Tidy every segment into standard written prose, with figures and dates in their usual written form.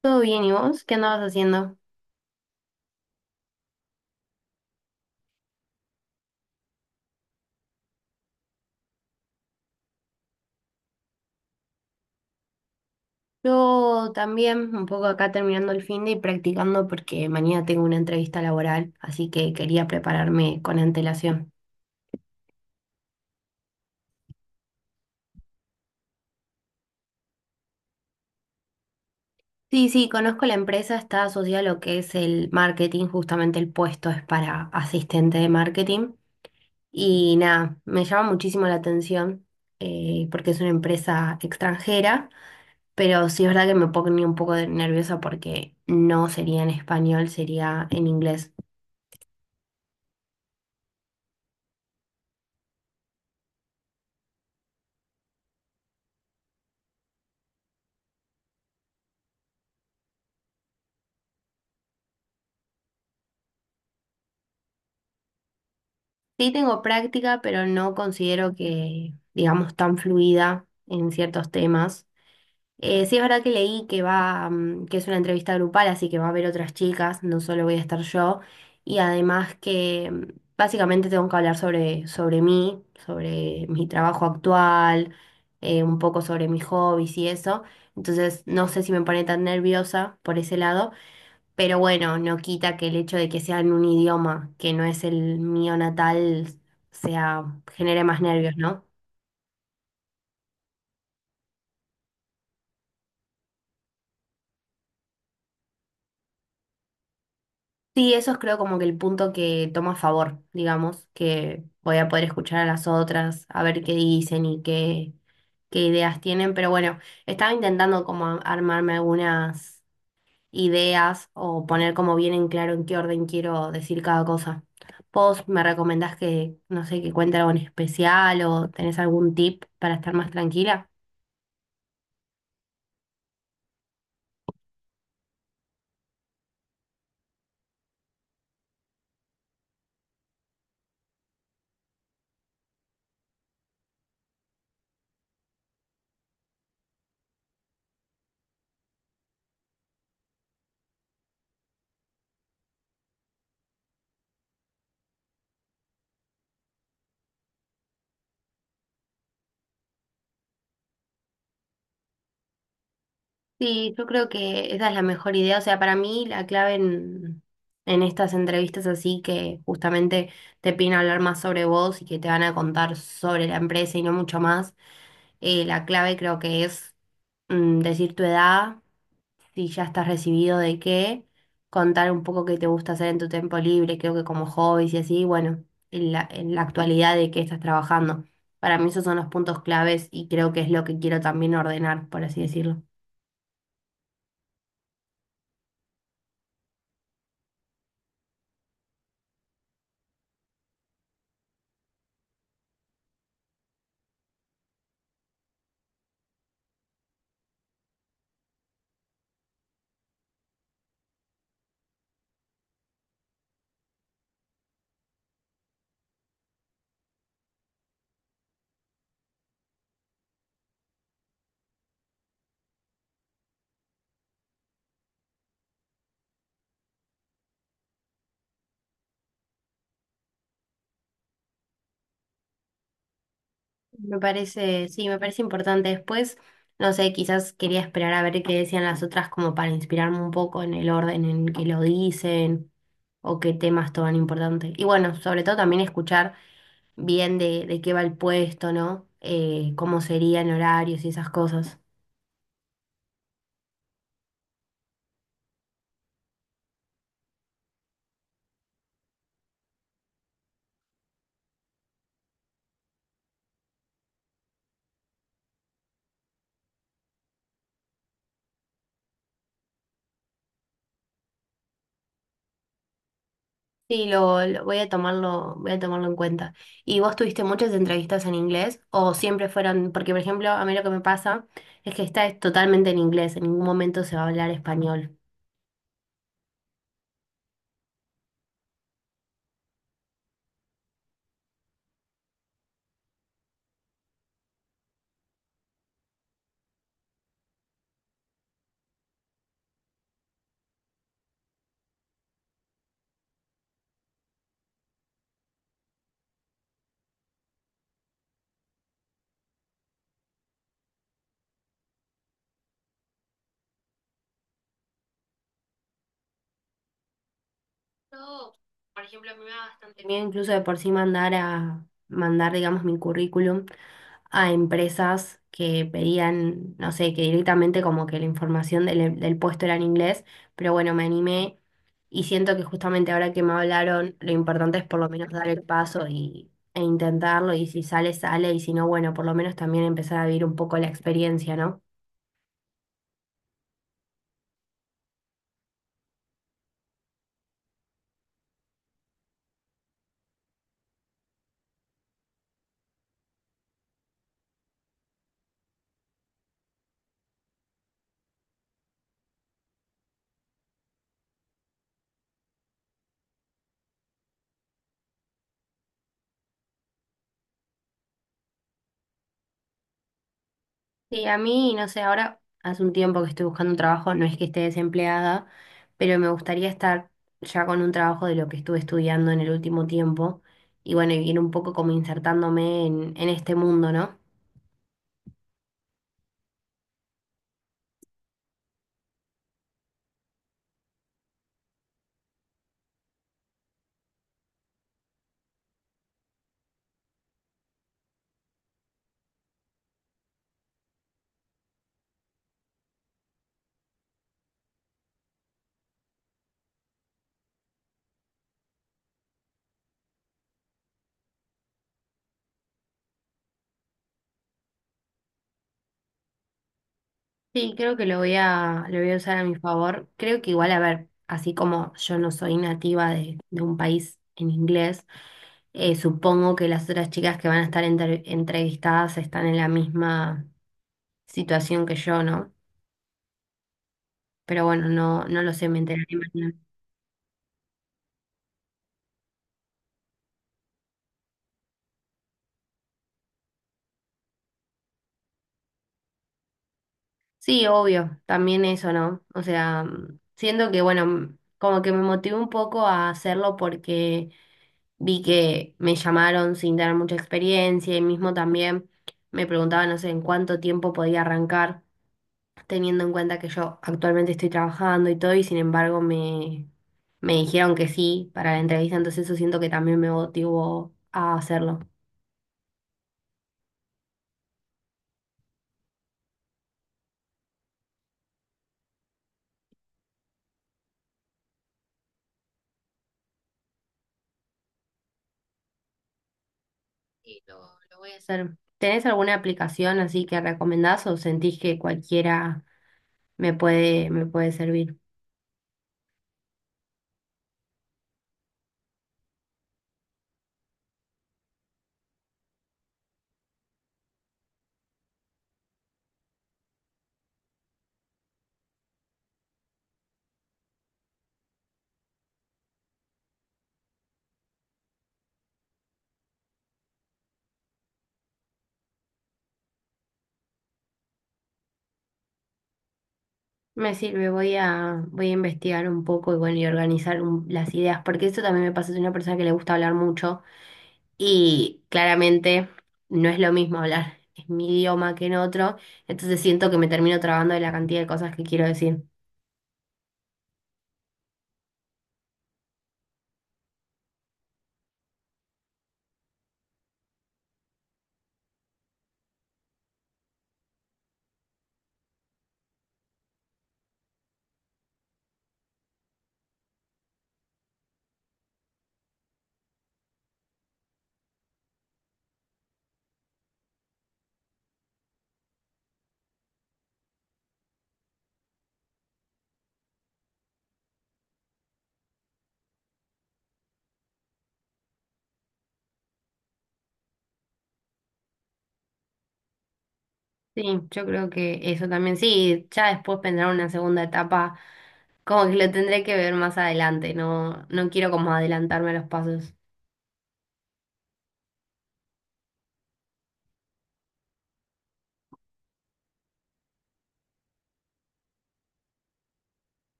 Todo bien, ¿y vos? ¿Qué andabas haciendo? Yo también, un poco acá terminando el fin de y practicando porque mañana tengo una entrevista laboral, así que quería prepararme con antelación. Sí, sí, conozco la empresa, está asociada a lo que es el marketing, justamente el puesto es para asistente de marketing. Y nada, me llama muchísimo la atención porque es una empresa extranjera, pero sí es verdad que me pone un poco nerviosa porque no sería en español, sería en inglés. Sí tengo práctica, pero no considero que, digamos, tan fluida en ciertos temas. Sí es verdad que leí que va, que es una entrevista grupal, así que va a haber otras chicas, no solo voy a estar yo. Y además que básicamente tengo que hablar sobre mí, sobre mi trabajo actual, un poco sobre mis hobbies y eso. Entonces no sé si me pone tan nerviosa por ese lado. Pero bueno, no quita que el hecho de que sea en un idioma que no es el mío natal sea, genere más nervios, ¿no? Sí, eso es creo como que el punto que toma a favor, digamos, que voy a poder escuchar a las otras, a ver qué dicen qué ideas tienen. Pero bueno, estaba intentando como armarme algunas ideas o poner como bien en claro en qué orden quiero decir cada cosa. ¿Vos me recomendás que, no sé, que cuente algo en especial o tenés algún tip para estar más tranquila? Sí, yo creo que esa es la mejor idea. O sea, para mí la clave en estas entrevistas así que justamente te piden hablar más sobre vos y que te van a contar sobre la empresa y no mucho más, la clave creo que es decir tu edad si ya estás recibido de qué, contar un poco qué te gusta hacer en tu tiempo libre, creo que como hobbies y así, bueno, en la actualidad de qué estás trabajando. Para mí esos son los puntos claves y creo que es lo que quiero también ordenar, por así decirlo. Me parece, sí, me parece importante. Después, no sé, quizás quería esperar a ver qué decían las otras como para inspirarme un poco en el orden en que lo dicen o qué temas toman importante. Y bueno, sobre todo también escuchar bien de qué va el puesto, ¿no? Cómo serían horarios y esas cosas. Sí, voy a tomarlo en cuenta. ¿Y vos tuviste muchas entrevistas en inglés o siempre fueron, porque por ejemplo, a mí lo que me pasa es que esta es totalmente en inglés, en ningún momento se va a hablar español. Yo, por ejemplo, me da bastante miedo incluso de por sí mandar, digamos, mi currículum a empresas que pedían, no sé, que directamente como que la información del puesto era en inglés, pero bueno, me animé y siento que justamente ahora que me hablaron, lo importante es por lo menos dar el paso e intentarlo y si sale, sale y si no, bueno, por lo menos también empezar a vivir un poco la experiencia, ¿no? Sí, a mí, no sé, ahora hace un tiempo que estoy buscando un trabajo, no es que esté desempleada, pero me gustaría estar ya con un trabajo de lo que estuve estudiando en el último tiempo y bueno, y ir un poco como insertándome en este mundo, ¿no? Sí, creo que lo voy a usar a mi favor. Creo que igual, a ver, así como yo no soy nativa de un país en inglés, supongo que las otras chicas que van a estar entrevistadas están en la misma situación que yo, ¿no? Pero bueno, no lo sé, me enteraré mañana. Sí, obvio, también eso, ¿no? O sea, siento que, bueno, como que me motivó un poco a hacerlo porque vi que me llamaron sin dar mucha experiencia y mismo también me preguntaban, no sé, en cuánto tiempo podía arrancar, teniendo en cuenta que yo actualmente estoy trabajando y todo, y sin embargo me dijeron que sí para la entrevista, entonces eso siento que también me motivó a hacerlo. Sí, lo voy a hacer. ¿Tenés alguna aplicación así que recomendás o sentís que cualquiera me puede servir? Me sirve, voy a investigar un poco y bueno, y organizar las ideas, porque eso también me pasa, soy una persona que le gusta hablar mucho y claramente no es lo mismo hablar en mi idioma que en otro, entonces siento que me termino trabando de la cantidad de cosas que quiero decir. Sí, yo creo que eso también, sí, ya después vendrá una segunda etapa. Como que lo tendré que ver más adelante, no quiero como adelantarme a los pasos.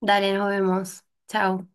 Dale, nos vemos. Chao.